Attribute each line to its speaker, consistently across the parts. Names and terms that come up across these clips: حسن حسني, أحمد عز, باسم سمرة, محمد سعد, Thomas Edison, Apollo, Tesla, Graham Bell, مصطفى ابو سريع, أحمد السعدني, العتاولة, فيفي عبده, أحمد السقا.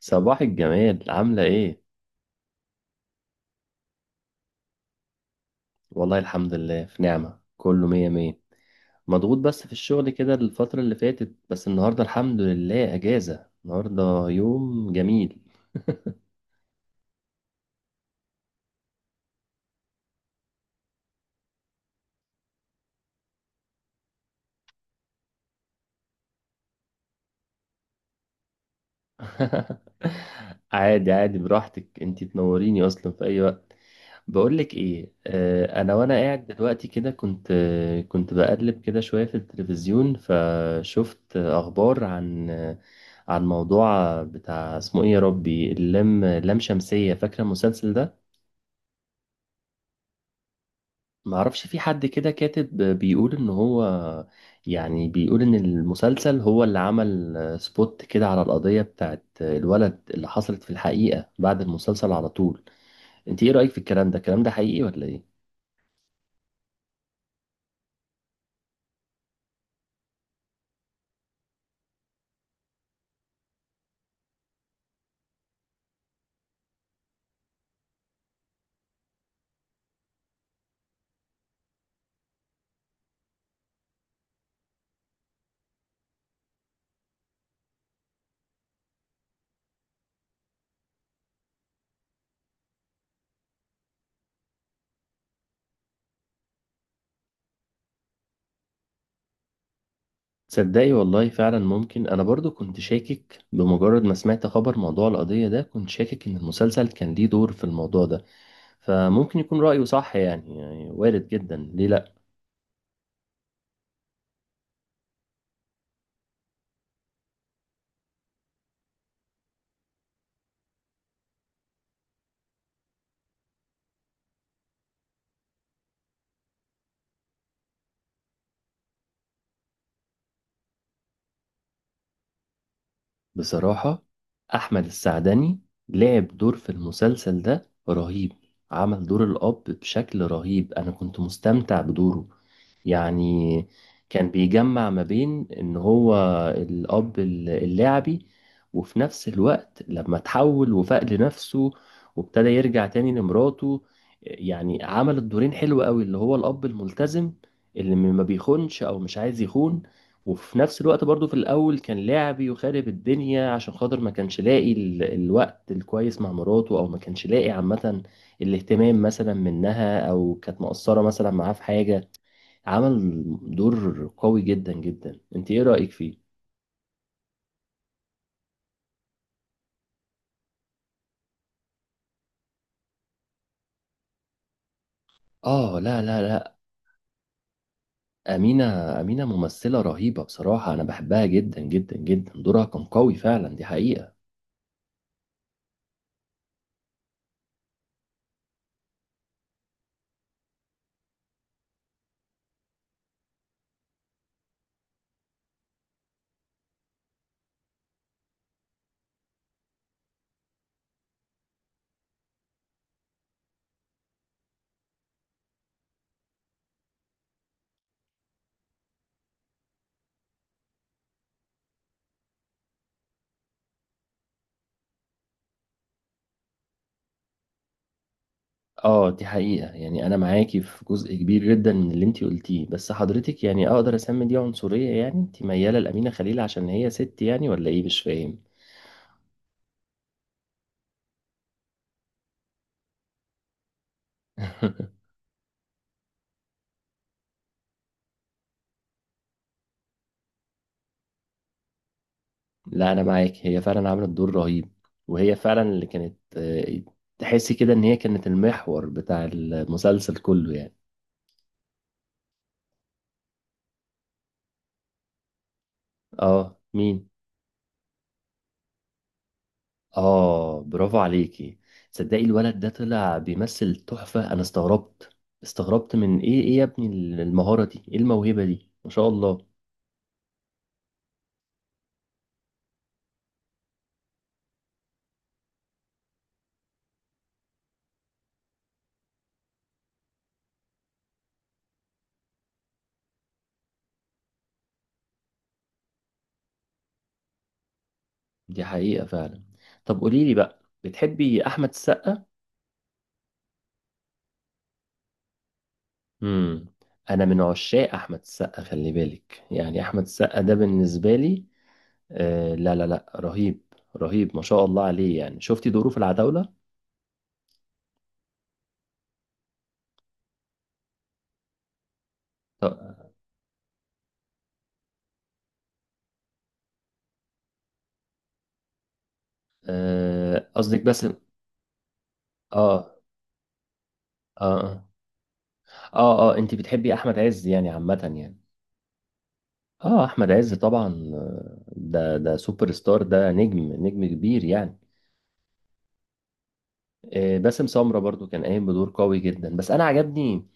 Speaker 1: صباح الجمال، عاملة ايه؟ والله الحمد لله في نعمة، كله مية مية. مضغوط بس في الشغل كده الفترة اللي فاتت، بس النهاردة الحمد لله أجازة. النهاردة يوم جميل. عادي عادي، براحتك انتي، تنوريني أصلا في أي وقت. بقولك ايه، أنا. وأنا قاعد دلوقتي كده كنت بقلب كده شوية في التلفزيون، فشفت أخبار عن عن موضوع بتاع اسمه ايه يا ربي، اللام لام شمسية. فاكرة المسلسل ده؟ معرفش، في حد كده كاتب بيقول ان هو، يعني بيقول ان المسلسل هو اللي عمل سبوت كده على القضية بتاعت الولد اللي حصلت في الحقيقة بعد المسلسل على طول. انت ايه رأيك في الكلام ده؟ الكلام ده حقيقي ولا ايه؟ تصدقي والله فعلا ممكن، انا برضو كنت شاكك بمجرد ما سمعت خبر موضوع القضية ده، كنت شاكك ان المسلسل كان ليه دور في الموضوع ده. فممكن يكون رأيه صح يعني، وارد جدا، ليه لا. بصراحة، أحمد السعدني لعب دور في المسلسل ده رهيب. عمل دور الأب بشكل رهيب، أنا كنت مستمتع بدوره يعني. كان بيجمع ما بين إن هو الأب اللاعبي، وفي نفس الوقت لما تحول وفاق لنفسه وابتدى يرجع تاني لمراته. يعني عمل الدورين حلو قوي، اللي هو الأب الملتزم اللي ما بيخونش أو مش عايز يخون، وفي نفس الوقت برضو في الأول كان لعبي وخارب الدنيا، عشان خاطر ما كانش لاقي الوقت الكويس مع مراته، أو ما كانش لاقي عامة الاهتمام مثلا منها، أو كانت مقصرة مثلا معاه في حاجة. عمل دور قوي جدا جدا، انت ايه رأيك فيه؟ اه لا لا لا. أمينة أمينة ممثلة رهيبة بصراحة، أنا بحبها جدا جدا جدا، دورها كان قوي فعلا، دي حقيقة. اه دي حقيقة، يعني انا معاكي في جزء كبير جدا من اللي انتي قلتيه، بس حضرتك يعني اقدر اسمي دي عنصرية؟ يعني انتي ميالة لأمينة خليل عشان هي ست يعني، ولا ايه؟ مش فاهم. لا انا معاك، هي فعلا عملت دور رهيب. وهي فعلا اللي كانت تحسي كده ان هي كانت المحور بتاع المسلسل كله يعني. اه مين؟ اه برافو عليكي. تصدقي الولد ده طلع بيمثل تحفة، انا استغربت. من ايه، ايه يا ابني المهارة دي، ايه الموهبة دي، ما شاء الله. دي حقيقة فعلا. طب قولي لي بقى، بتحبي أحمد السقا؟ امم. أنا من عشاق أحمد السقا، خلي بالك، يعني أحمد السقا ده بالنسبة لي لا لا لا، رهيب. رهيب ما شاء الله عليه. يعني شفتي دوره في العتاولة؟ طب، قصدك بس آه آه أنت بتحبي أحمد عز يعني، عامة يعني؟ أحمد عز طبعا. ده سوبر ستار، ده نجم نجم كبير يعني. باسم سمرة برضو كان قايم بدور قوي جدا، بس انا عجبني.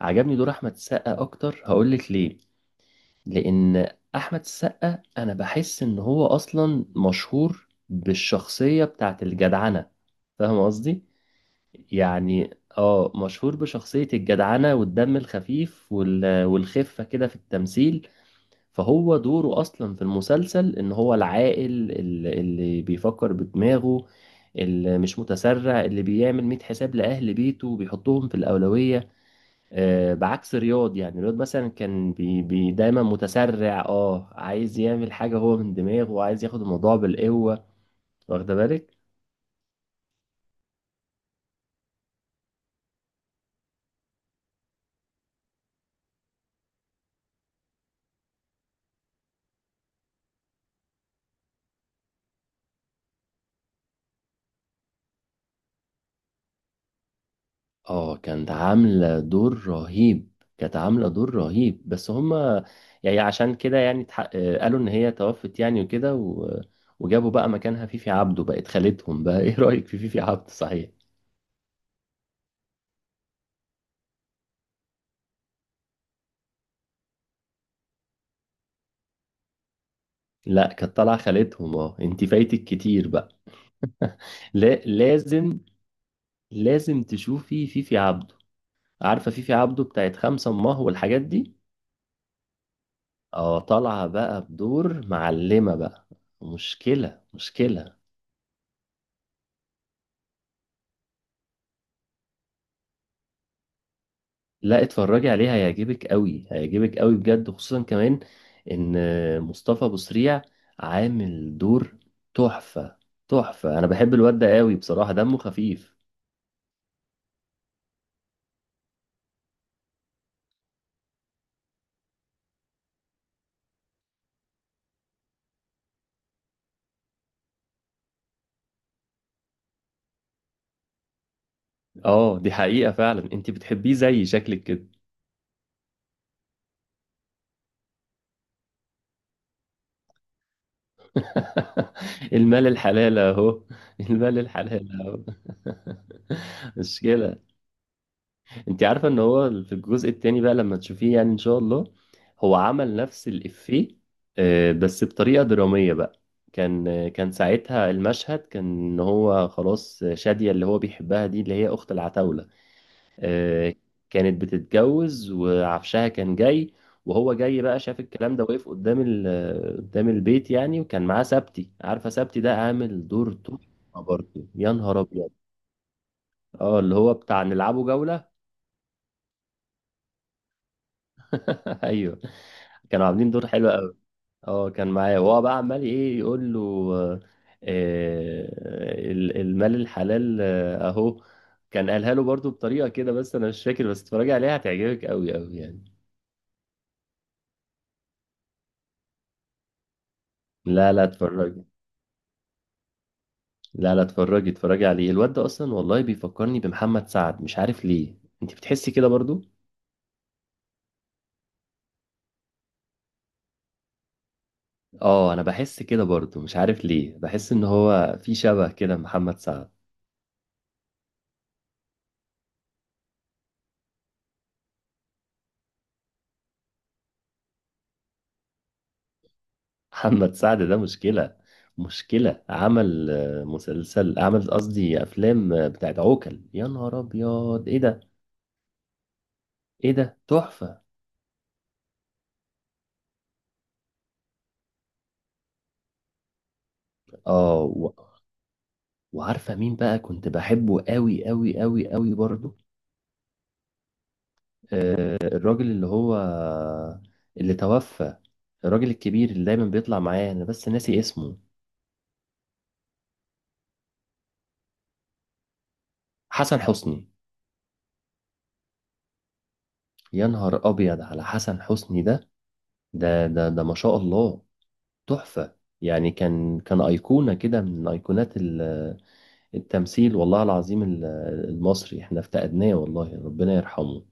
Speaker 1: دور احمد السقا اكتر، هقولك ليه. لان احمد السقا انا بحس ان هو اصلا مشهور بالشخصيه بتاعت الجدعنه، فاهم قصدي؟ يعني اه، مشهور بشخصيه الجدعنه والدم الخفيف والخفه كده في التمثيل. فهو دوره اصلا في المسلسل ان هو العاقل، اللي بيفكر بدماغه، اللي مش متسرع، اللي بيعمل 100 حساب لاهل بيته وبيحطهم في الاولويه. بعكس رياض، يعني رياض مثلا كان بي بي دايما متسرع، اه عايز يعمل حاجة هو من دماغه وعايز ياخد الموضوع بالقوة. واخدة بالك. اه كانت عاملة دور رهيب. كانت عاملة دور رهيب، بس هما يعني عشان كده يعني قالوا ان هي توفت يعني وكده وجابوا بقى مكانها فيفي عبده بقت خالتهم بقى. ايه رأيك في فيفي عبده صحيح؟ لا كانت طالعة خالتهم، اه انت فايتك كتير بقى. لا لازم. لازم تشوفي فيفي عبده. عارفة فيفي عبده بتاعت خمسة أمه والحاجات دي؟ اه طالعة بقى بدور معلمة بقى. مشكلة مشكلة. لا اتفرجي عليها، هيعجبك قوي، هيعجبك قوي بجد، خصوصا كمان ان مصطفى ابو سريع عامل دور تحفة. تحفة، انا بحب الواد ده قوي بصراحة، دمه خفيف. اه دي حقيقة فعلا، انت بتحبيه زي شكلك كده. المال الحلال اهو. المال الحلال اهو. مشكلة. انت عارفه ان هو في الجزء التاني بقى، لما تشوفيه يعني ان شاء الله، هو عمل نفس الافيه، بس بطريقه دراميه بقى. كان ساعتها المشهد كان ان هو خلاص، شاديه اللي هو بيحبها دي، اللي هي اخت العتاوله، آه، كانت بتتجوز وعفشها كان جاي. وهو جاي بقى شاف الكلام ده، واقف قدام قدام البيت يعني، وكان معاه سبتي. عارفه سبتي ده؟ عامل دور تحفه برضه، يا نهار ابيض. اه اللي هو بتاع نلعبه جوله. ايوه. كانوا عاملين دور حلو قوي. اه كان معايا، وهو بقى عمال ايه يقول له آه، المال الحلال اهو. كان قالها له برضو بطريقة كده بس انا مش فاكر، بس اتفرجي عليها هتعجبك قوي قوي يعني. لا لا اتفرجي. لا لا اتفرجي، اتفرجي عليه. الواد ده اصلا والله بيفكرني بمحمد سعد، مش عارف ليه، انت بتحسي كده برضو؟ اه انا بحس كده برضو، مش عارف ليه، بحس ان هو في شبه كده محمد سعد. محمد سعد ده مشكلة. مشكلة. عمل مسلسل، عمل قصدي أفلام بتاعت عوكل، يا نهار أبيض إيه ده. إيه ده تحفة. و وعارفة مين بقى كنت بحبه قوي قوي قوي قوي برضو؟ الراجل اللي هو اللي توفى، الراجل الكبير اللي دايما بيطلع معايا، أنا بس ناسي اسمه. حسن حسني. يا نهار أبيض على حسن حسني. ده ما شاء الله، تحفة. يعني كان أيقونة كده من أيقونات التمثيل، والله العظيم، المصري، احنا افتقدناه، والله ربنا يرحمه.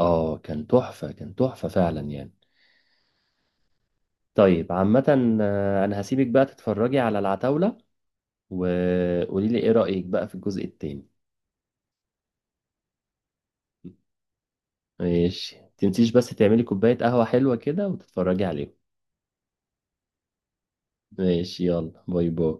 Speaker 1: اه كان تحفة. كان تحفة فعلا يعني. طيب عامة، انا هسيبك بقى تتفرجي على العتاولة، وقولي لي ايه رأيك بقى في الجزء التاني. ماشي، تنسيش بس تعملي كوباية قهوة حلوة كده وتتفرجي عليهم. ماشي، يلا باي باي.